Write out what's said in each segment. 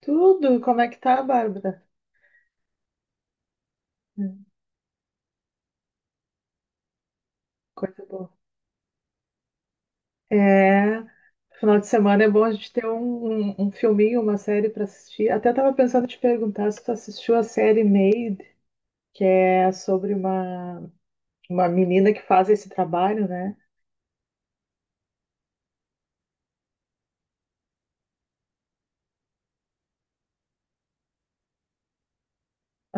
Tudo, como é que tá, Bárbara? Hum. Coisa boa. É, final de semana é bom a gente ter um filminho, uma série pra assistir. Até tava pensando em te perguntar se tu assistiu a série Made, que é sobre uma menina que faz esse trabalho, né?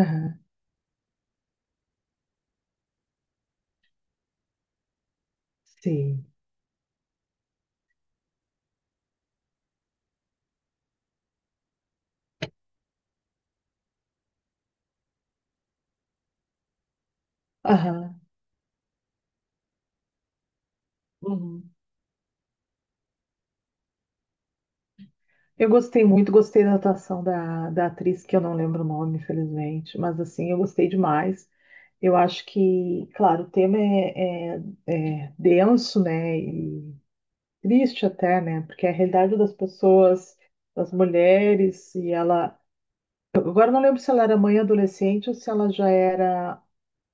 Aham, sim. Aham. Uhum. Eu gostei muito, gostei da atuação da atriz, que eu não lembro o nome, infelizmente, mas assim, eu gostei demais. Eu acho que, claro, o tema é denso, né? E triste até, né? Porque a realidade das pessoas, das mulheres, e ela. Eu Agora não lembro se ela era mãe adolescente ou se ela já era.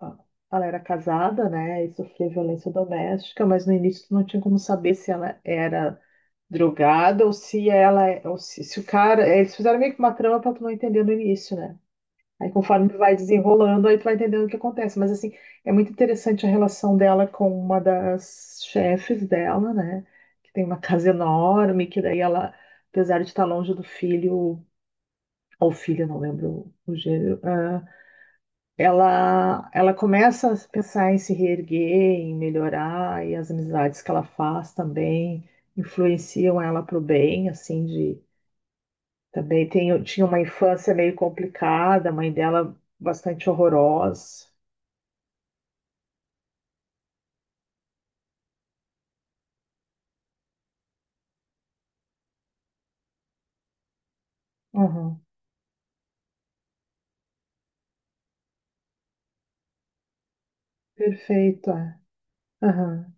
ah, Ela era casada, né? E sofria violência doméstica, mas no início tu não tinha como saber se ela era drogada ou se ela. Ou se o cara. Eles fizeram meio que uma trama pra tu não entender no início, né? Aí conforme vai desenrolando, aí tu vai entendendo o que acontece. Mas assim, é muito interessante a relação dela com uma das chefes dela, né? Que tem uma casa enorme, que daí ela, apesar de estar longe do filho, ou filha, não lembro o gênero, ela começa a pensar em se reerguer, em melhorar, e as amizades que ela faz também influenciam ela para o bem, assim, de também tem, tinha uma infância meio complicada, a mãe dela bastante horrorosa. Aham, perfeito, é. Aham,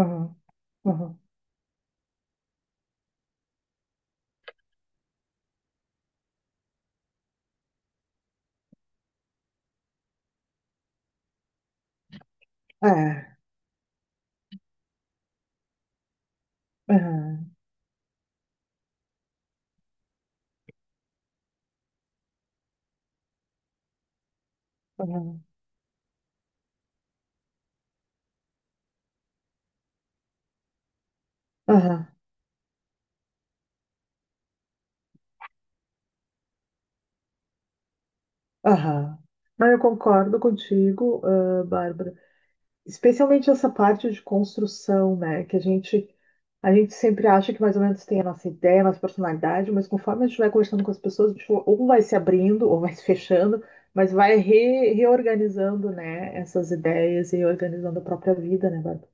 aham, aham, é, aham, aham, aham, aham. Não, eu concordo contigo, Bárbara. Especialmente essa parte de construção, né? A gente sempre acha que mais ou menos tem a nossa ideia, a nossa personalidade, mas conforme a gente vai conversando com as pessoas, a gente ou vai se abrindo ou vai se fechando, mas vai reorganizando, né? Essas ideias e organizando a própria vida, né, Bárbara?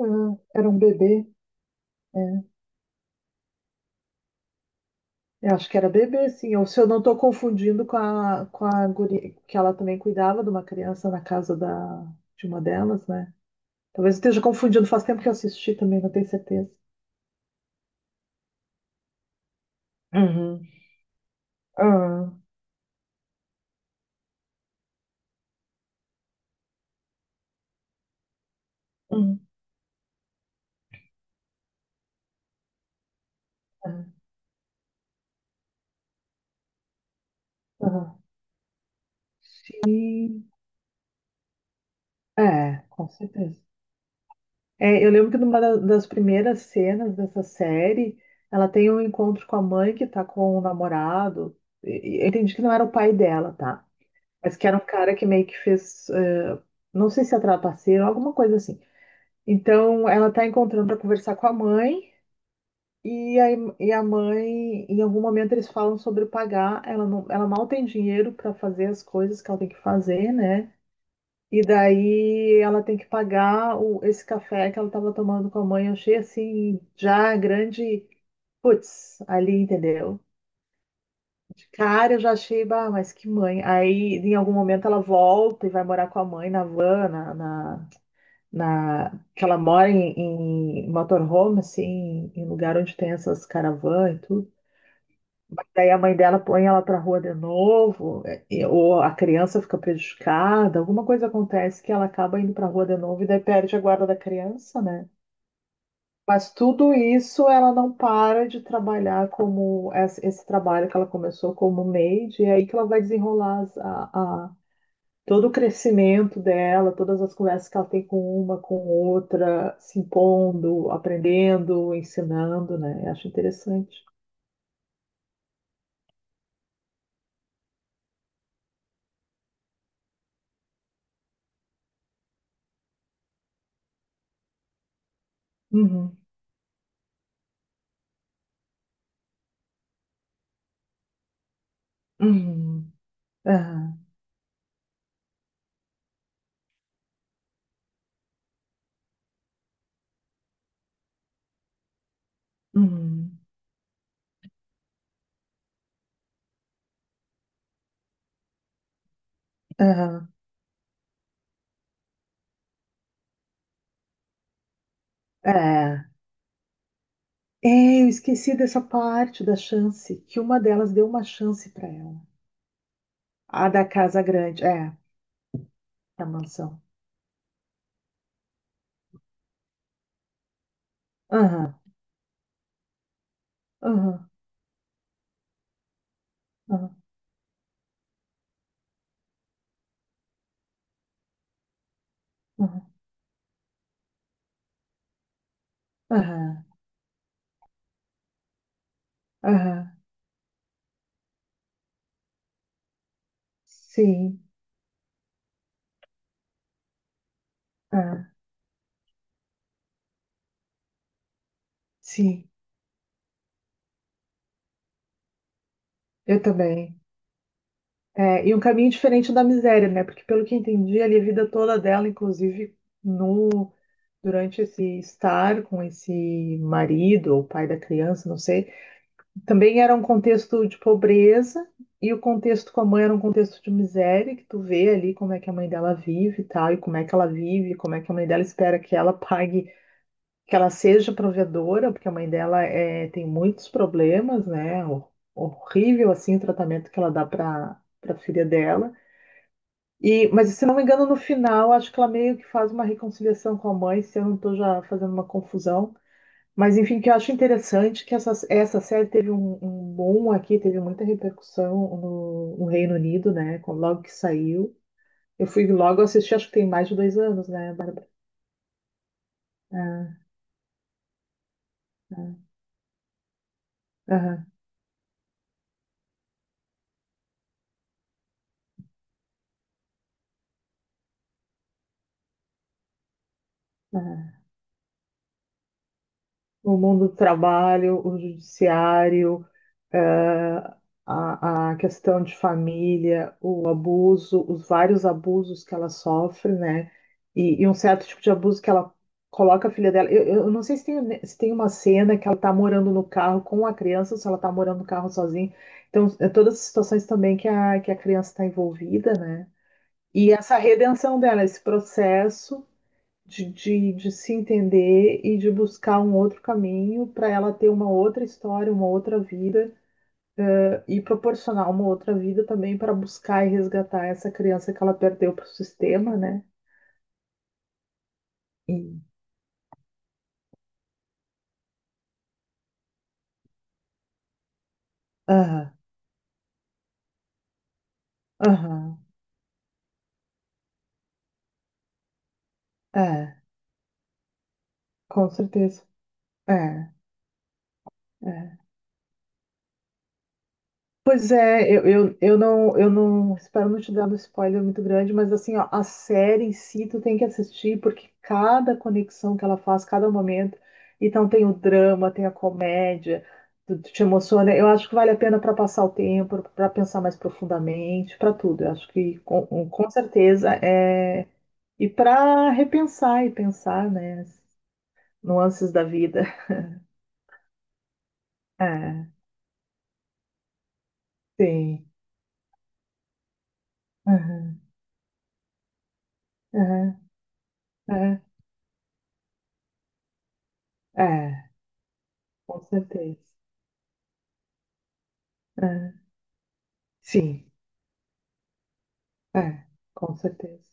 Ah, era um bebê. Eu acho que era bebê, sim. Ou se eu não estou confundindo com a guria, que ela também cuidava de uma criança na casa da, de uma delas, né? Talvez eu esteja confundindo, faz tempo que eu assisti também, não tenho certeza. Uhum. Ah, hum, ah, ah. Sim, é, com certeza. É, eu lembro que numa das primeiras cenas dessa série, ela tem um encontro com a mãe que tá com o namorado. Eu entendi que não era o pai dela, tá? Mas que era um cara que meio que fez, não sei se é trapaceiro, alguma coisa assim. Então ela tá encontrando para conversar com a mãe e a, e a mãe, em algum momento eles falam sobre pagar, ela não, ela mal tem dinheiro para fazer as coisas que ela tem que fazer, né? E daí ela tem que pagar esse café que ela estava tomando com a mãe. Eu achei assim já grande, putz, ali, entendeu? Cara, eu já achei, bah, mas que mãe. Aí, em algum momento, ela volta e vai morar com a mãe na van, que ela mora em, em motorhome, assim, em lugar onde tem essas caravanas e tudo. Daí a mãe dela põe ela pra rua de novo, é, ou a criança fica prejudicada, alguma coisa acontece que ela acaba indo pra rua de novo e daí perde a guarda da criança, né? Mas tudo isso ela não para de trabalhar como esse trabalho que ela começou como maid, e é aí que ela vai desenrolar a- todo o crescimento dela, todas as conversas que ela tem com uma, com outra, se impondo, aprendendo, ensinando, né? Eu acho interessante. Uhum, uhum, aham, uhum, aham. É. É, eu esqueci dessa parte da chance, que uma delas deu uma chance para ela. A da casa grande, é, da mansão. Aham, aham, aham, aham, aham, aham. Sim, ah, sim, eu também. É, e um caminho diferente da miséria, né? Porque pelo que entendi, ali a vida toda dela, inclusive no, durante esse estar com esse marido ou pai da criança, não sei, também era um contexto de pobreza e o contexto com a mãe era um contexto de miséria, que tu vê ali como é que a mãe dela vive e tal, e como é que ela vive, como é que a mãe dela espera que ela pague que ela seja provedora, porque a mãe dela é, tem muitos problemas, né? Horrível assim o tratamento que ela dá para filha dela. E, mas se não me engano, no final, acho que ela meio que faz uma reconciliação com a mãe, se eu não estou já fazendo uma confusão. Mas enfim, que eu acho interessante é que essa série teve um boom aqui, teve muita repercussão no Reino Unido, né? Logo que saiu. Eu fui logo assistir, acho que tem mais de dois anos, né, Bárbara? Ah, ah, aham, aham. O mundo do trabalho, o judiciário, a questão de família, o abuso, os vários abusos que ela sofre, né? E um certo tipo de abuso que ela coloca a filha dela. Eu não sei se tem, se tem uma cena que ela tá morando no carro com a criança, ou se ela tá morando no carro sozinha. Então, é todas as situações também que que a criança está envolvida, né? E essa redenção dela, esse processo de se entender e de buscar um outro caminho para ela ter uma outra história, uma outra vida e proporcionar uma outra vida também para buscar e resgatar essa criança que ela perdeu para o sistema, né? E- Aham, aham, é, com certeza. É, é. Pois é, eu não espero não te dar um spoiler muito grande, mas assim, ó, a série em si tu tem que assistir, porque cada conexão que ela faz, cada momento, então tem o drama, tem a comédia, tu te emociona. Eu acho que vale a pena para passar o tempo, para pensar mais profundamente, para tudo. Eu acho que com certeza é. E para repensar e pensar, né, as nuances da vida. É, sim. Aham, aham, é, é, com certeza. É, sim, é, com certeza.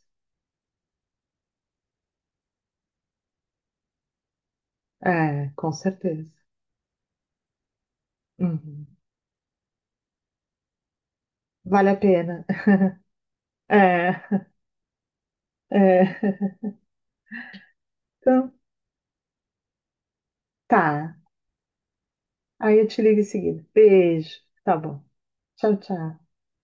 É, com certeza. Uhum. Vale a pena. É, é. Então, tá. Aí eu te ligo em seguida. Beijo. Tá bom. Tchau, tchau.